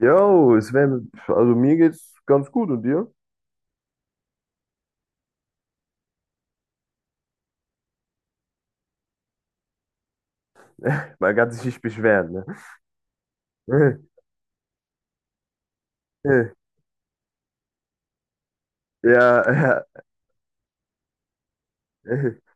Yo, Sven, also mir geht's ganz gut und dir? Man kann sich nicht beschweren, ne? Ja, ja.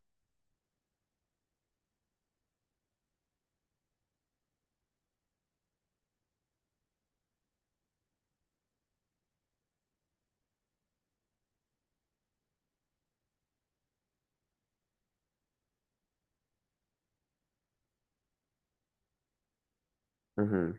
Mhm,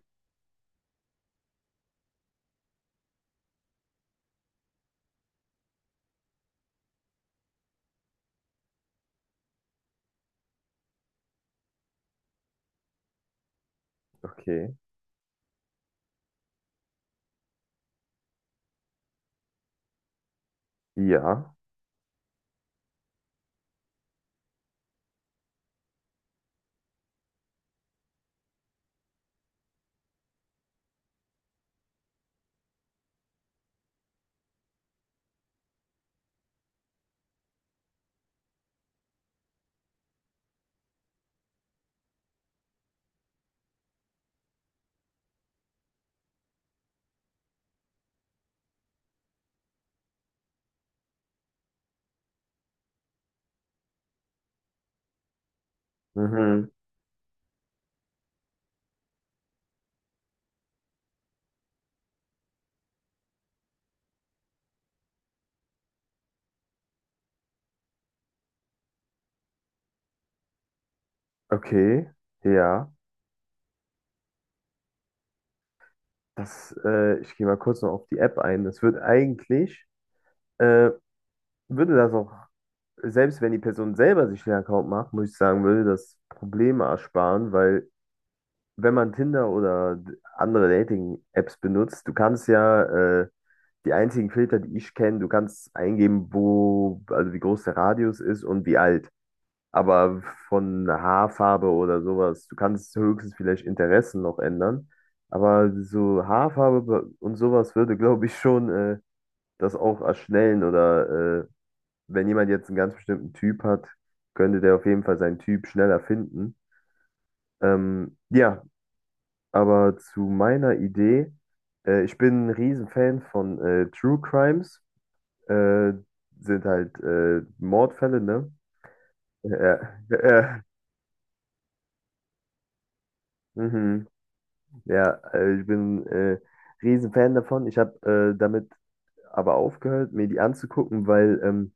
okay. Ja. Mhm, okay. Ja. Das, ich gehe mal kurz noch auf die App ein. Das wird äh, würde das auch, selbst wenn die Person selber sich den Account macht, muss ich sagen, würde das Probleme ersparen, weil wenn man Tinder oder andere Dating-Apps benutzt, du kannst ja, äh, Die einzigen Filter, die ich kenne, du kannst eingeben, wo, also wie groß der Radius ist und wie alt. Aber von Haarfarbe oder sowas, du kannst höchstens vielleicht Interessen noch ändern. Aber so Haarfarbe und sowas würde, glaube ich, schon das auch erschnellen. Oder wenn jemand jetzt einen ganz bestimmten Typ hat, könnte der auf jeden Fall seinen Typ schneller finden. Ja, aber zu meiner Idee, ich bin ein Riesenfan von True Crimes. äh, Sind halt Mordfälle, ne? Ja, ja, ja. Mhm. Ja, ich bin Riesenfan davon. Ich habe damit aber aufgehört, mir die anzugucken, weil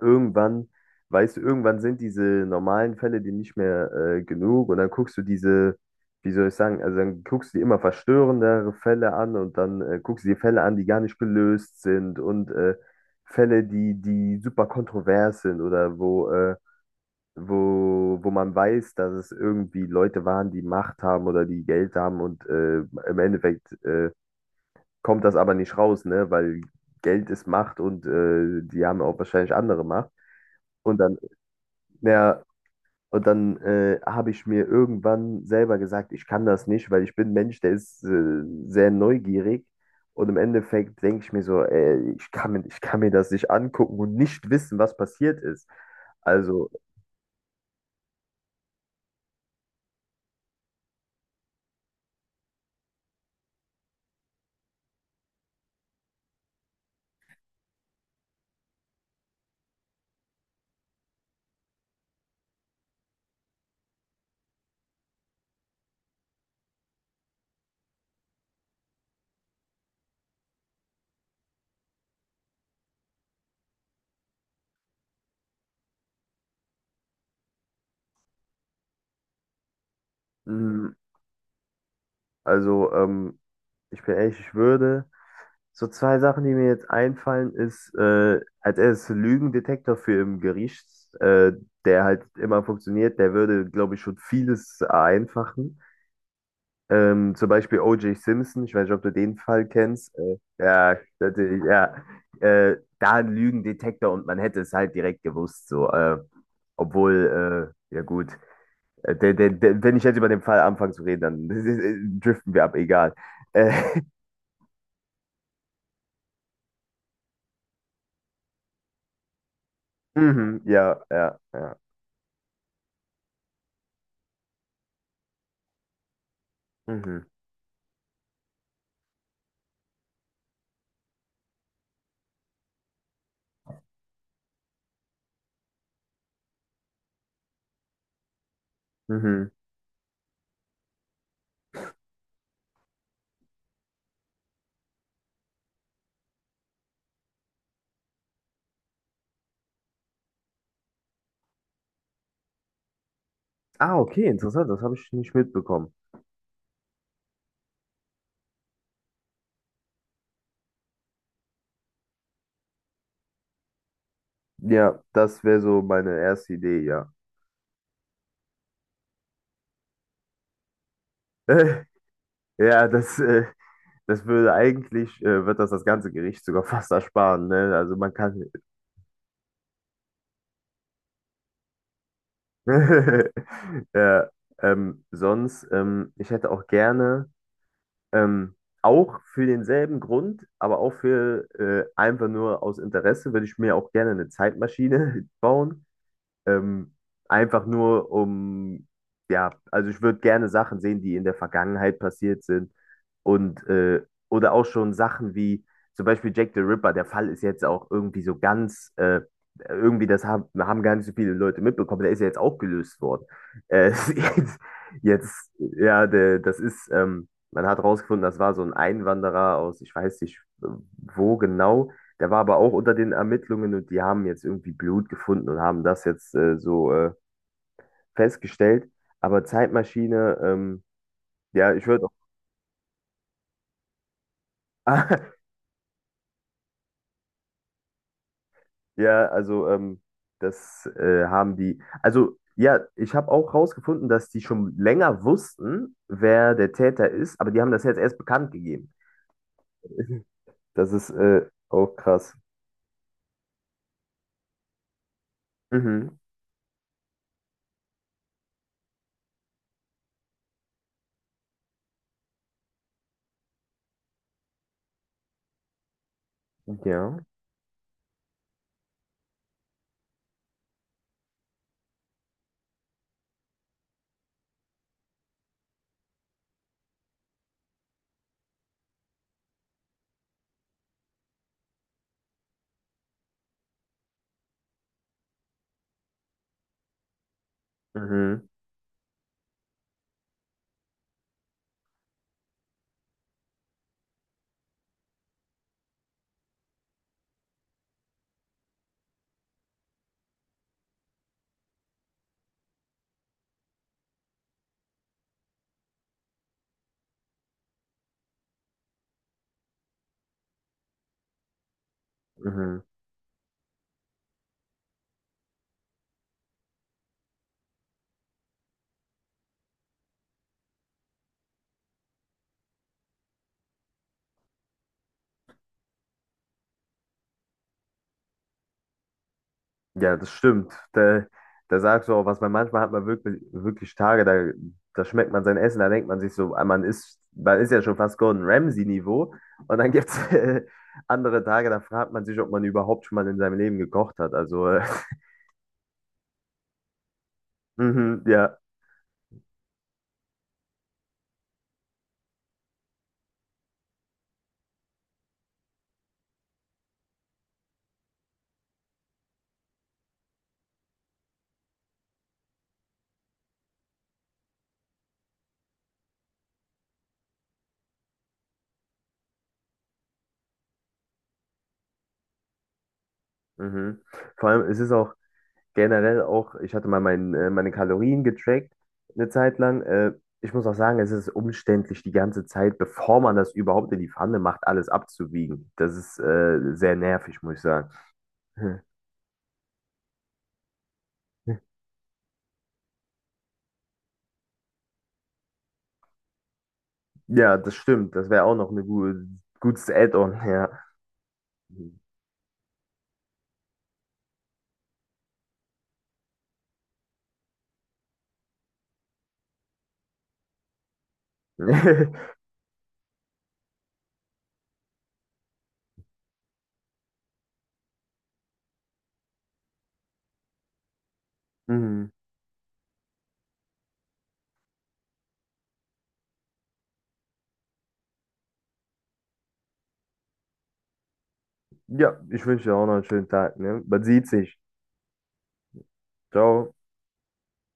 irgendwann, weißt du, irgendwann sind diese normalen Fälle dir nicht mehr genug, und dann guckst du diese, wie soll ich sagen, also dann guckst du dir immer verstörendere Fälle an, und dann guckst du dir Fälle an, die gar nicht gelöst sind, und Fälle, die super kontrovers sind, oder wo wo man weiß, dass es irgendwie Leute waren, die Macht haben oder die Geld haben, und im Endeffekt kommt das aber nicht raus, ne? Weil Geld ist Macht, und die haben auch wahrscheinlich andere Macht. Und dann, ja, und dann habe ich mir irgendwann selber gesagt, ich kann das nicht, weil ich bin ein Mensch, der ist sehr neugierig. Und im Endeffekt denke ich mir so, ey, ich kann mir das nicht angucken und nicht wissen, was passiert ist. Also, mm, also, ich bin ehrlich, ich würde. So zwei Sachen, die mir jetzt einfallen, ist als erstes Lügendetektor für im Gericht, äh, der halt immer funktioniert, der würde, glaube ich, schon vieles vereinfachen. Zum Beispiel O.J. Simpson, ich weiß nicht, ob du den Fall kennst. Ja, natürlich, ja. Da ein Lügendetektor, und man hätte es halt direkt gewusst, so. Obwohl, ja gut, der, wenn ich jetzt über den Fall anfange zu reden, dann driften wir ab, egal. Äh, Mhm, ja, ja, ja. Mhm, mhm. Ah, okay, interessant, das habe ich nicht mitbekommen. Ja, das wäre so meine erste Idee, ja. Ja, das würde wird das das ganze Gericht sogar fast ersparen, ne? Also man kann. Ja, sonst, ich hätte auch gerne, ähm, auch für denselben Grund, aber auch für einfach nur aus Interesse, würde ich mir auch gerne eine Zeitmaschine bauen. Ähm, Einfach nur um, ja, also ich würde gerne Sachen sehen, die in der Vergangenheit passiert sind, und oder auch schon Sachen wie zum Beispiel Jack the Ripper. Der Fall ist jetzt auch irgendwie so ganz, irgendwie das haben gar nicht so viele Leute mitbekommen. Der ist ja jetzt auch gelöst worden. Äh, jetzt, jetzt, ja, das ist, man hat rausgefunden, das war so ein Einwanderer aus, ich weiß nicht wo genau, der war aber auch unter den Ermittlungen, und die haben jetzt irgendwie Blut gefunden und haben das jetzt so festgestellt. Aber Zeitmaschine, ja, ich würde auch. Ah, ja, also das haben die. Also ja, ich habe auch rausgefunden, dass die schon länger wussten, wer der Täter ist, aber die haben das jetzt erst bekannt gegeben. Das ist auch krass. Mhm. Ja. Mhm. Mhm. Ja, das stimmt. Da, da sagst du auch was, weil manchmal hat man wirklich, wirklich Tage, da, da schmeckt man sein Essen, da denkt man sich so, ah, man ist ja schon fast Gordon Ramsay-Niveau. Und dann gibt es andere Tage, da fragt man sich, ob man überhaupt schon mal in seinem Leben gekocht hat. Also, mhm, ja. Mhm. Vor allem, es ist auch. Generell auch, ich hatte mal meine Kalorien getrackt eine Zeit lang. Ich muss auch sagen, es ist umständlich, die ganze Zeit, bevor man das überhaupt in die Pfanne macht, alles abzuwiegen. Das ist sehr nervig, muss ich sagen. Hm. Ja, das stimmt. Das wäre auch noch ein gu gutes Add-on, ja. Mhm. Ja, ich wünsche dir auch noch einen schönen Tag, ne? Man sieht sich. Ciao.